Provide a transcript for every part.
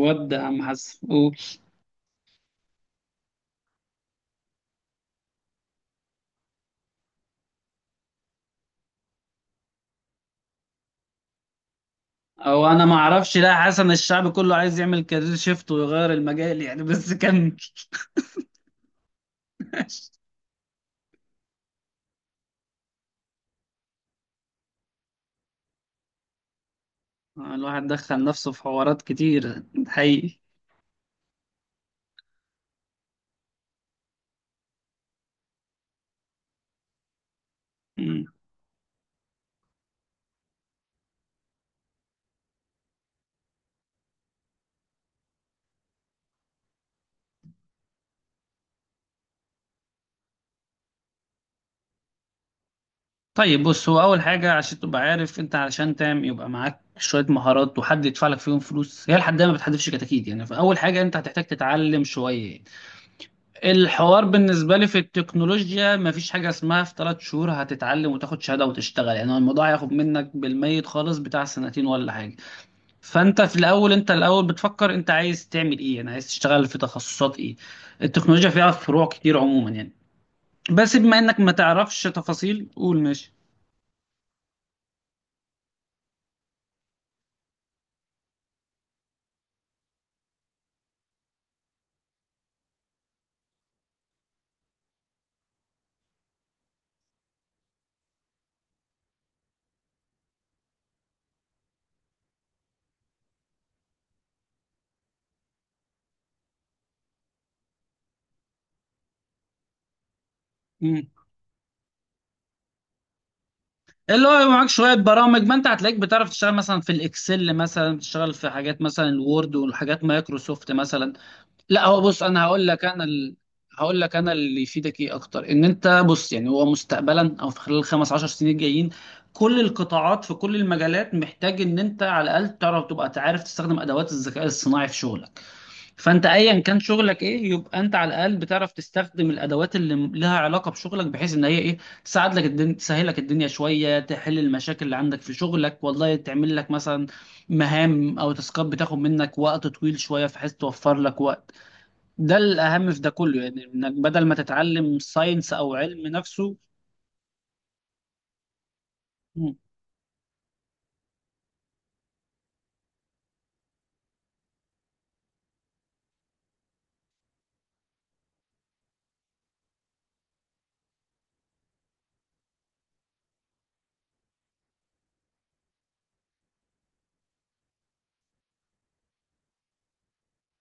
ود يا عم حسن، قول. او انا ما اعرفش، لا حسن الشعب كله عايز يعمل كارير شيفت ويغير المجال يعني، بس كمل. الواحد دخل نفسه في حوارات كتير حقيقي. مم. طيب بص، هو اول حاجه عشان تبقى عارف، انت علشان تعمل يبقى معاك شويه مهارات وحد يدفع لك فيهم فلوس، هي لحد ما بتحدفش كتاكيد يعني. فاول حاجه انت هتحتاج تتعلم شويه. الحوار بالنسبة لي في التكنولوجيا مفيش حاجة اسمها في ثلاث شهور هتتعلم وتاخد شهادة وتشتغل يعني، هو الموضوع هياخد منك بالميت خالص بتاع سنتين ولا حاجة. فانت في الأول، انت الأول بتفكر انت عايز تعمل ايه، يعني عايز تشتغل في تخصصات ايه. التكنولوجيا فيها فروع كتير عموما يعني، بس بما انك ما تعرفش تفاصيل قول ماشي. مم. اللي هو يبقى معاك شوية برامج، ما انت هتلاقيك بتعرف تشتغل مثلا في الاكسل، مثلا بتشتغل في حاجات مثلا الوورد والحاجات مايكروسوفت مثلا. لا هو بص، انا هقول لك هقول لك انا اللي يفيدك ايه اكتر، ان انت بص يعني هو مستقبلا او في خلال الخمس عشر سنين الجايين كل القطاعات في كل المجالات محتاج ان انت على الاقل تعرف تبقى تعرف تستخدم ادوات الذكاء الصناعي في شغلك. فانت ايا كان شغلك ايه يبقى انت على الاقل بتعرف تستخدم الادوات اللي لها علاقه بشغلك، بحيث ان هي ايه، تساعد لك الدنيا، تسهل لك الدنيا شويه، تحل المشاكل اللي عندك في شغلك، والله تعمل لك مثلا مهام او تاسكات بتاخد منك وقت طويل شويه بحيث توفر لك وقت. ده الأهم في ده كله يعني، إنك بدل ما تتعلم ساينس أو علم نفسه. مم.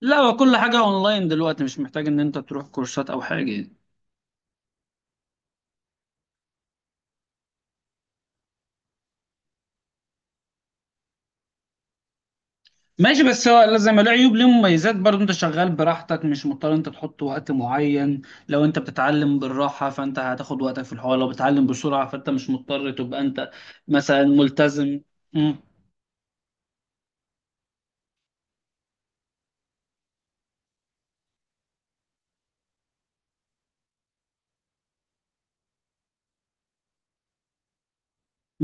لا هو كل حاجة أونلاين دلوقتي، مش محتاج إن أنت تروح كورسات أو حاجة يعني. ماشي، بس هو لا زي ما له عيوب ليه مميزات برضه. أنت شغال براحتك، مش مضطر أنت تحط وقت معين. لو أنت بتتعلم بالراحة فأنت هتاخد وقتك في الحوار، لو بتتعلم بسرعة فأنت مش مضطر تبقى أنت مثلا ملتزم. مم.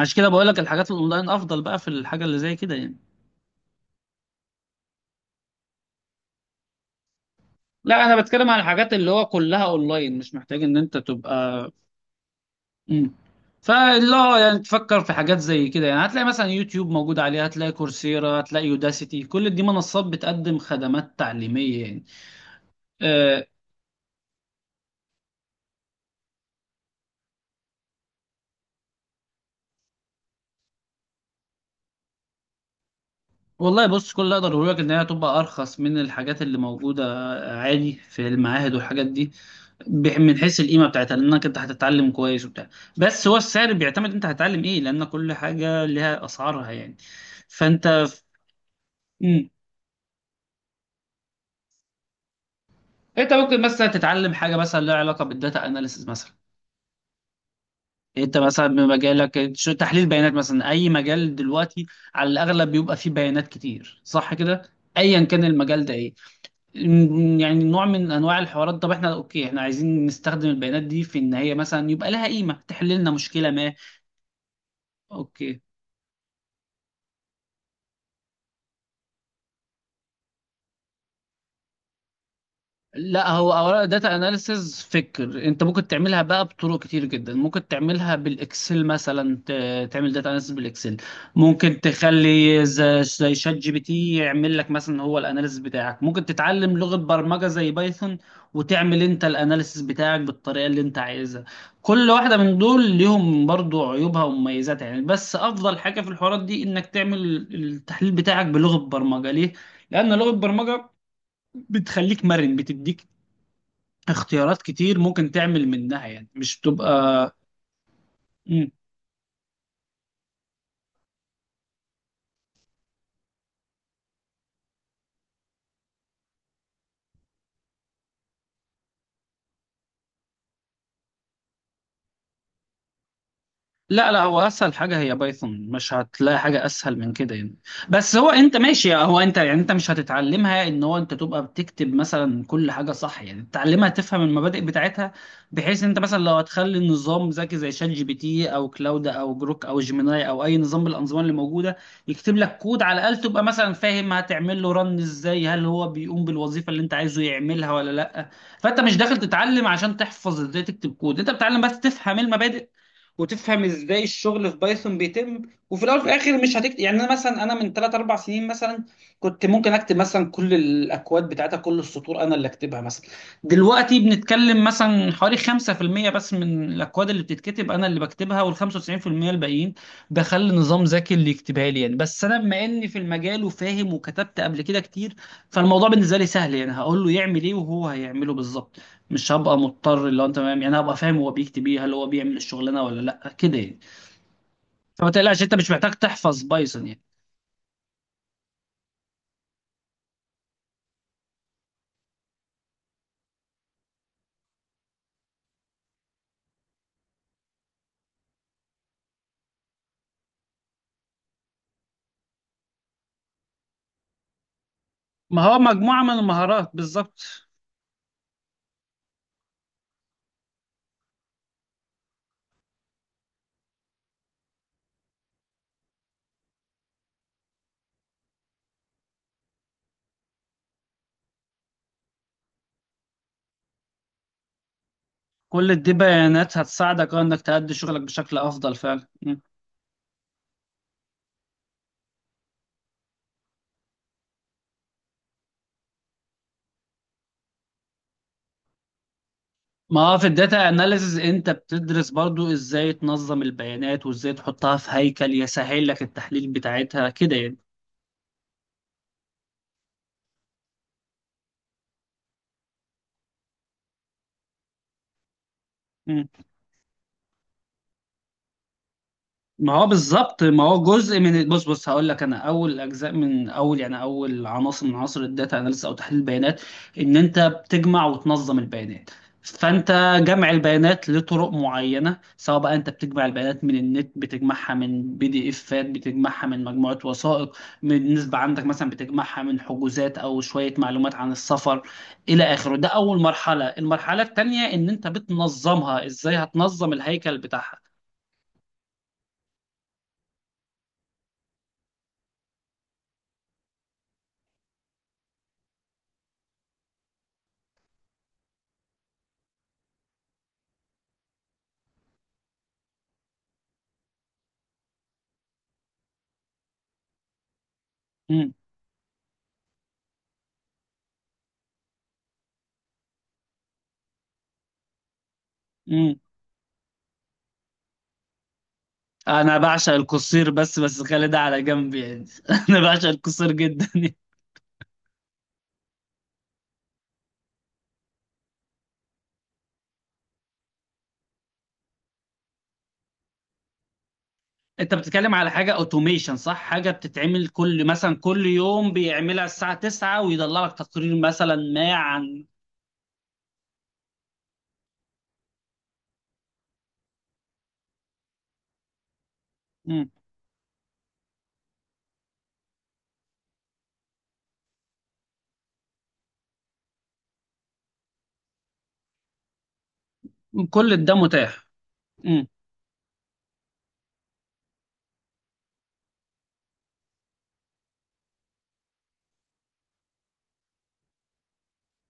عشان كده بقول لك الحاجات الأونلاين أفضل بقى في الحاجة اللي زي كده يعني. لا أنا بتكلم عن الحاجات اللي هو كلها أونلاين، مش محتاج إن أنت تبقى. مم. فلا يعني، تفكر في حاجات زي كده يعني، هتلاقي مثلا يوتيوب موجود عليه، هتلاقي كورسيرا، هتلاقي يوداسيتي، كل دي منصات بتقدم خدمات تعليمية يعني. أه. والله بص، كل اللي اقدر اقوله لك ان هي هتبقى ارخص من الحاجات اللي موجودة عادي في المعاهد والحاجات دي، من حيث القيمة بتاعتها، لانك انت هتتعلم كويس وبتاع. بس هو السعر بيعتمد انت هتتعلم ايه، لان كل حاجة لها اسعارها يعني. فانت، مم، انت ممكن مثلا تتعلم حاجة مثلا لها علاقة بالداتا اناليسز مثلا. انت مثلا بمجالك شو تحليل بيانات، مثلا اي مجال دلوقتي على الاغلب بيبقى فيه بيانات كتير، صح كده؟ ايا كان المجال ده ايه. يعني نوع من انواع الحوارات. طب احنا اوكي، احنا عايزين نستخدم البيانات دي في ان هي مثلا يبقى لها قيمة تحل لنا مشكلة ما. اوكي. لا هو اولا داتا اناليسز فكر، انت ممكن تعملها بقى بطرق كتير جدا، ممكن تعملها بالاكسل مثلا، تعمل داتا اناليسز بالاكسل، ممكن زي شات جي بي تي يعمل لك مثلا هو الاناليسز بتاعك، ممكن تتعلم لغة برمجة زي بايثون وتعمل انت الاناليسز بتاعك بالطريقة اللي انت عايزها. كل واحدة من دول ليهم برضو عيوبها ومميزاتها يعني، بس افضل حاجة في الحوارات دي انك تعمل التحليل بتاعك بلغة برمجة. ليه؟ لان لغة برمجة بتخليك مرن، بتديك اختيارات كتير ممكن تعمل منها يعني، مش بتبقى. مم. لا لا هو اسهل حاجه هي بايثون، مش هتلاقي حاجه اسهل من كده يعني. بس هو انت ماشي، هو انت يعني انت مش هتتعلمها ان هو انت تبقى بتكتب مثلا كل حاجه صح يعني، تتعلمها تفهم المبادئ بتاعتها بحيث انت مثلا لو هتخلي النظام ذكي زي شات جي بي تي او كلاود او جروك او جيميناي او اي نظام من الانظمه اللي موجوده يكتب لك كود، على الاقل تبقى مثلا فاهم هتعمل له رن ازاي، هل هو بيقوم بالوظيفه اللي انت عايزه يعملها ولا لا. فانت مش داخل تتعلم عشان تحفظ ازاي تكتب كود، انت بتتعلم بس تفهم المبادئ وتفهم ازاي الشغل في بايثون بيتم. وفي الاول وفي الاخر مش هتكتب يعني، انا مثلا من 3 4 سنين مثلا كنت ممكن اكتب مثلا كل الاكواد بتاعتها، كل السطور انا اللي اكتبها مثلا. دلوقتي بنتكلم مثلا حوالي 5% بس من الاكواد اللي بتتكتب انا اللي بكتبها، وال 95% الباقيين بخلي نظام ذكي اللي يكتبها لي يعني. بس انا بما اني في المجال وفاهم وكتبت قبل كده كتير، فالموضوع بالنسبه لي سهل يعني، هقول له يعمل ايه وهو هيعمله بالظبط. مش هبقى مضطر اللي هو انت تمام يعني، هبقى فاهم هو بيكتب ايه، هل هو بيعمل الشغلانه ولا لا كده يعني. فما تقلقش، انت مش محتاج تحفظ بايثون يعني. ما هو مجموعه من المهارات بالظبط. كل دي بيانات هتساعدك، اه، انك تأدي شغلك بشكل افضل فعلا. مم. ما هو في الداتا اناليسز انت بتدرس برضو ازاي تنظم البيانات وازاي تحطها في هيكل يسهل لك التحليل بتاعتها كده يعني. ما هو بالظبط، ما هو جزء من، بص بص هقول لك انا، اول اجزاء من اول يعني اول عناصر من عناصر الداتا اناليسيس او تحليل البيانات، ان انت بتجمع وتنظم البيانات. فانت، جمع البيانات لطرق معينه، سواء بقى انت بتجمع البيانات من النت، بتجمعها من بي دي افات، بتجمعها من مجموعه وثائق من نسبه عندك مثلا، بتجمعها من حجوزات او شويه معلومات عن السفر الى اخره. ده اول مرحله. المرحله الثانيه ان انت بتنظمها، ازاي هتنظم الهيكل بتاعها. مم. انا بعشق القصير، بس بس خلي ده على جنب يعني. انا بعشق القصير جدا. انت بتتكلم على حاجه اوتوميشن، صح؟ حاجه بتتعمل كل، مثلا كل يوم بيعملها الساعه 9 ويطلع لك تقرير مثلا ما عن. مم. كل ده متاح.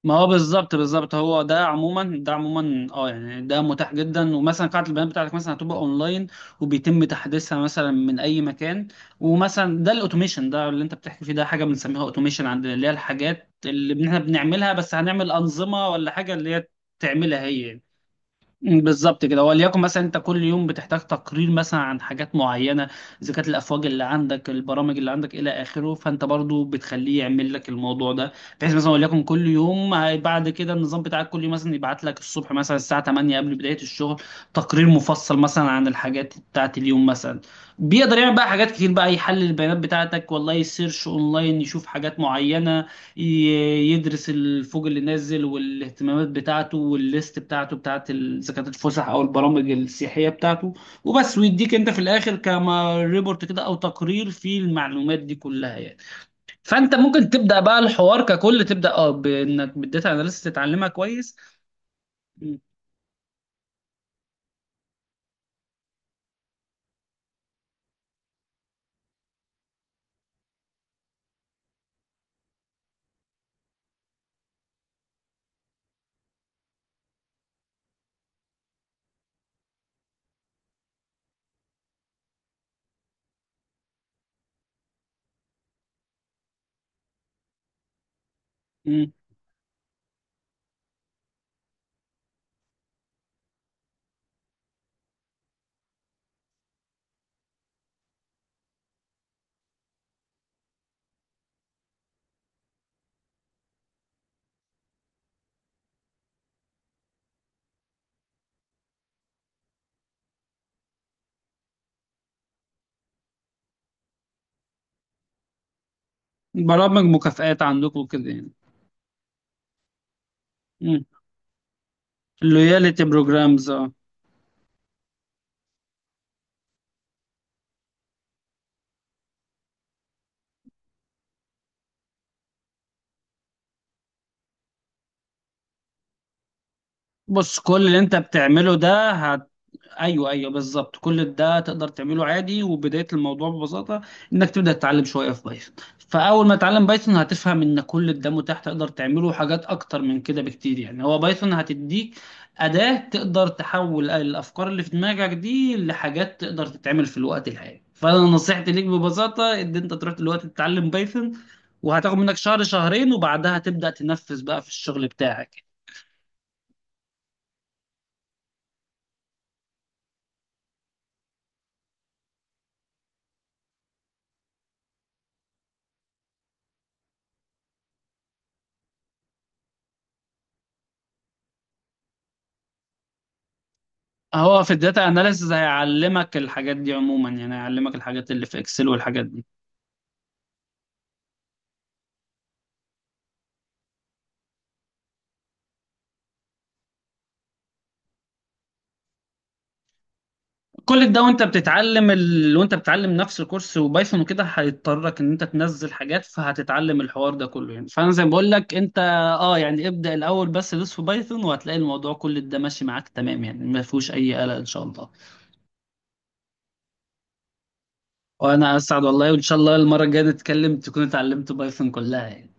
ما هو بالظبط بالظبط، هو ده عموما، اه يعني ده متاح جدا. ومثلا قاعة البيانات بتاعتك مثلا هتبقى اونلاين وبيتم تحديثها مثلا من اي مكان. ومثلا ده الاوتوميشن ده اللي انت بتحكي فيه، ده حاجة بنسميها اوتوميشن، عند اللي هي الحاجات اللي احنا بنعملها بس هنعمل انظمة ولا حاجة اللي هي تعملها هي. بالظبط كده. وليكن مثلا انت كل يوم بتحتاج تقرير مثلا عن حاجات معينه، اذا كانت الافواج اللي عندك، البرامج اللي عندك، الى اخره، فانت برضو بتخليه يعمل لك الموضوع ده، بحيث مثلا وليكن كل يوم بعد كده النظام بتاعك كل يوم مثلا يبعت لك الصبح مثلا الساعه 8 قبل بدايه الشغل تقرير مفصل مثلا عن الحاجات بتاعت اليوم مثلا. بيقدر يعمل بقى حاجات كتير بقى، يحلل البيانات بتاعتك، والله يسيرش اونلاين يشوف حاجات معينه، يدرس الفوج اللي نازل والاهتمامات بتاعته والليست بتاعته بتاعت اذا كانت الفسح او البرامج السياحيه بتاعته، وبس ويديك انت في الاخر كما ريبورت كده او تقرير فيه المعلومات دي كلها يعني. فانت ممكن تبدا بقى الحوار ككل، تبدا اه بانك بالداتا اناليسيس تتعلمها كويس. م- م. برامج مكافآت عندكم وكده يعني. لويالتي بروجرامز اه. بص كل اللي انت بتعمله ده، ايوه ايوه بالظبط، كل ده تقدر تعمله عادي. وبدايه الموضوع ببساطه انك تبدا تتعلم شويه في بايثون. فاول ما تتعلم بايثون هتفهم ان كل ده متاح، تقدر تعمله حاجات اكتر من كده بكتير يعني، هو بايثون هتديك اداه تقدر تحول الافكار اللي في دماغك دي لحاجات تقدر تتعمل في الوقت الحالي. فانا نصيحتي ليك ببساطه، ان انت تروح دلوقتي تتعلم بايثون، وهتاخد منك شهر شهرين وبعدها تبدا تنفذ بقى في الشغل بتاعك. هو في الداتا اناليسز هيعلمك الحاجات دي عموما يعني، هيعلمك الحاجات اللي في اكسل والحاجات دي. كل ده وانت بتتعلم وانت بتتعلم نفس الكورس وبايثون وكده، هيضطرك ان انت تنزل حاجات فهتتعلم الحوار ده كله يعني. فانا زي ما بقول لك، انت اه يعني ابدأ الاول، بس دوس في بايثون وهتلاقي الموضوع كل ده ماشي معاك تمام يعني، ما فيهوش اي قلق ان شاء الله. وانا اسعد والله، وان شاء الله المرة الجاية نتكلم تكون اتعلمت بايثون كلها يعني.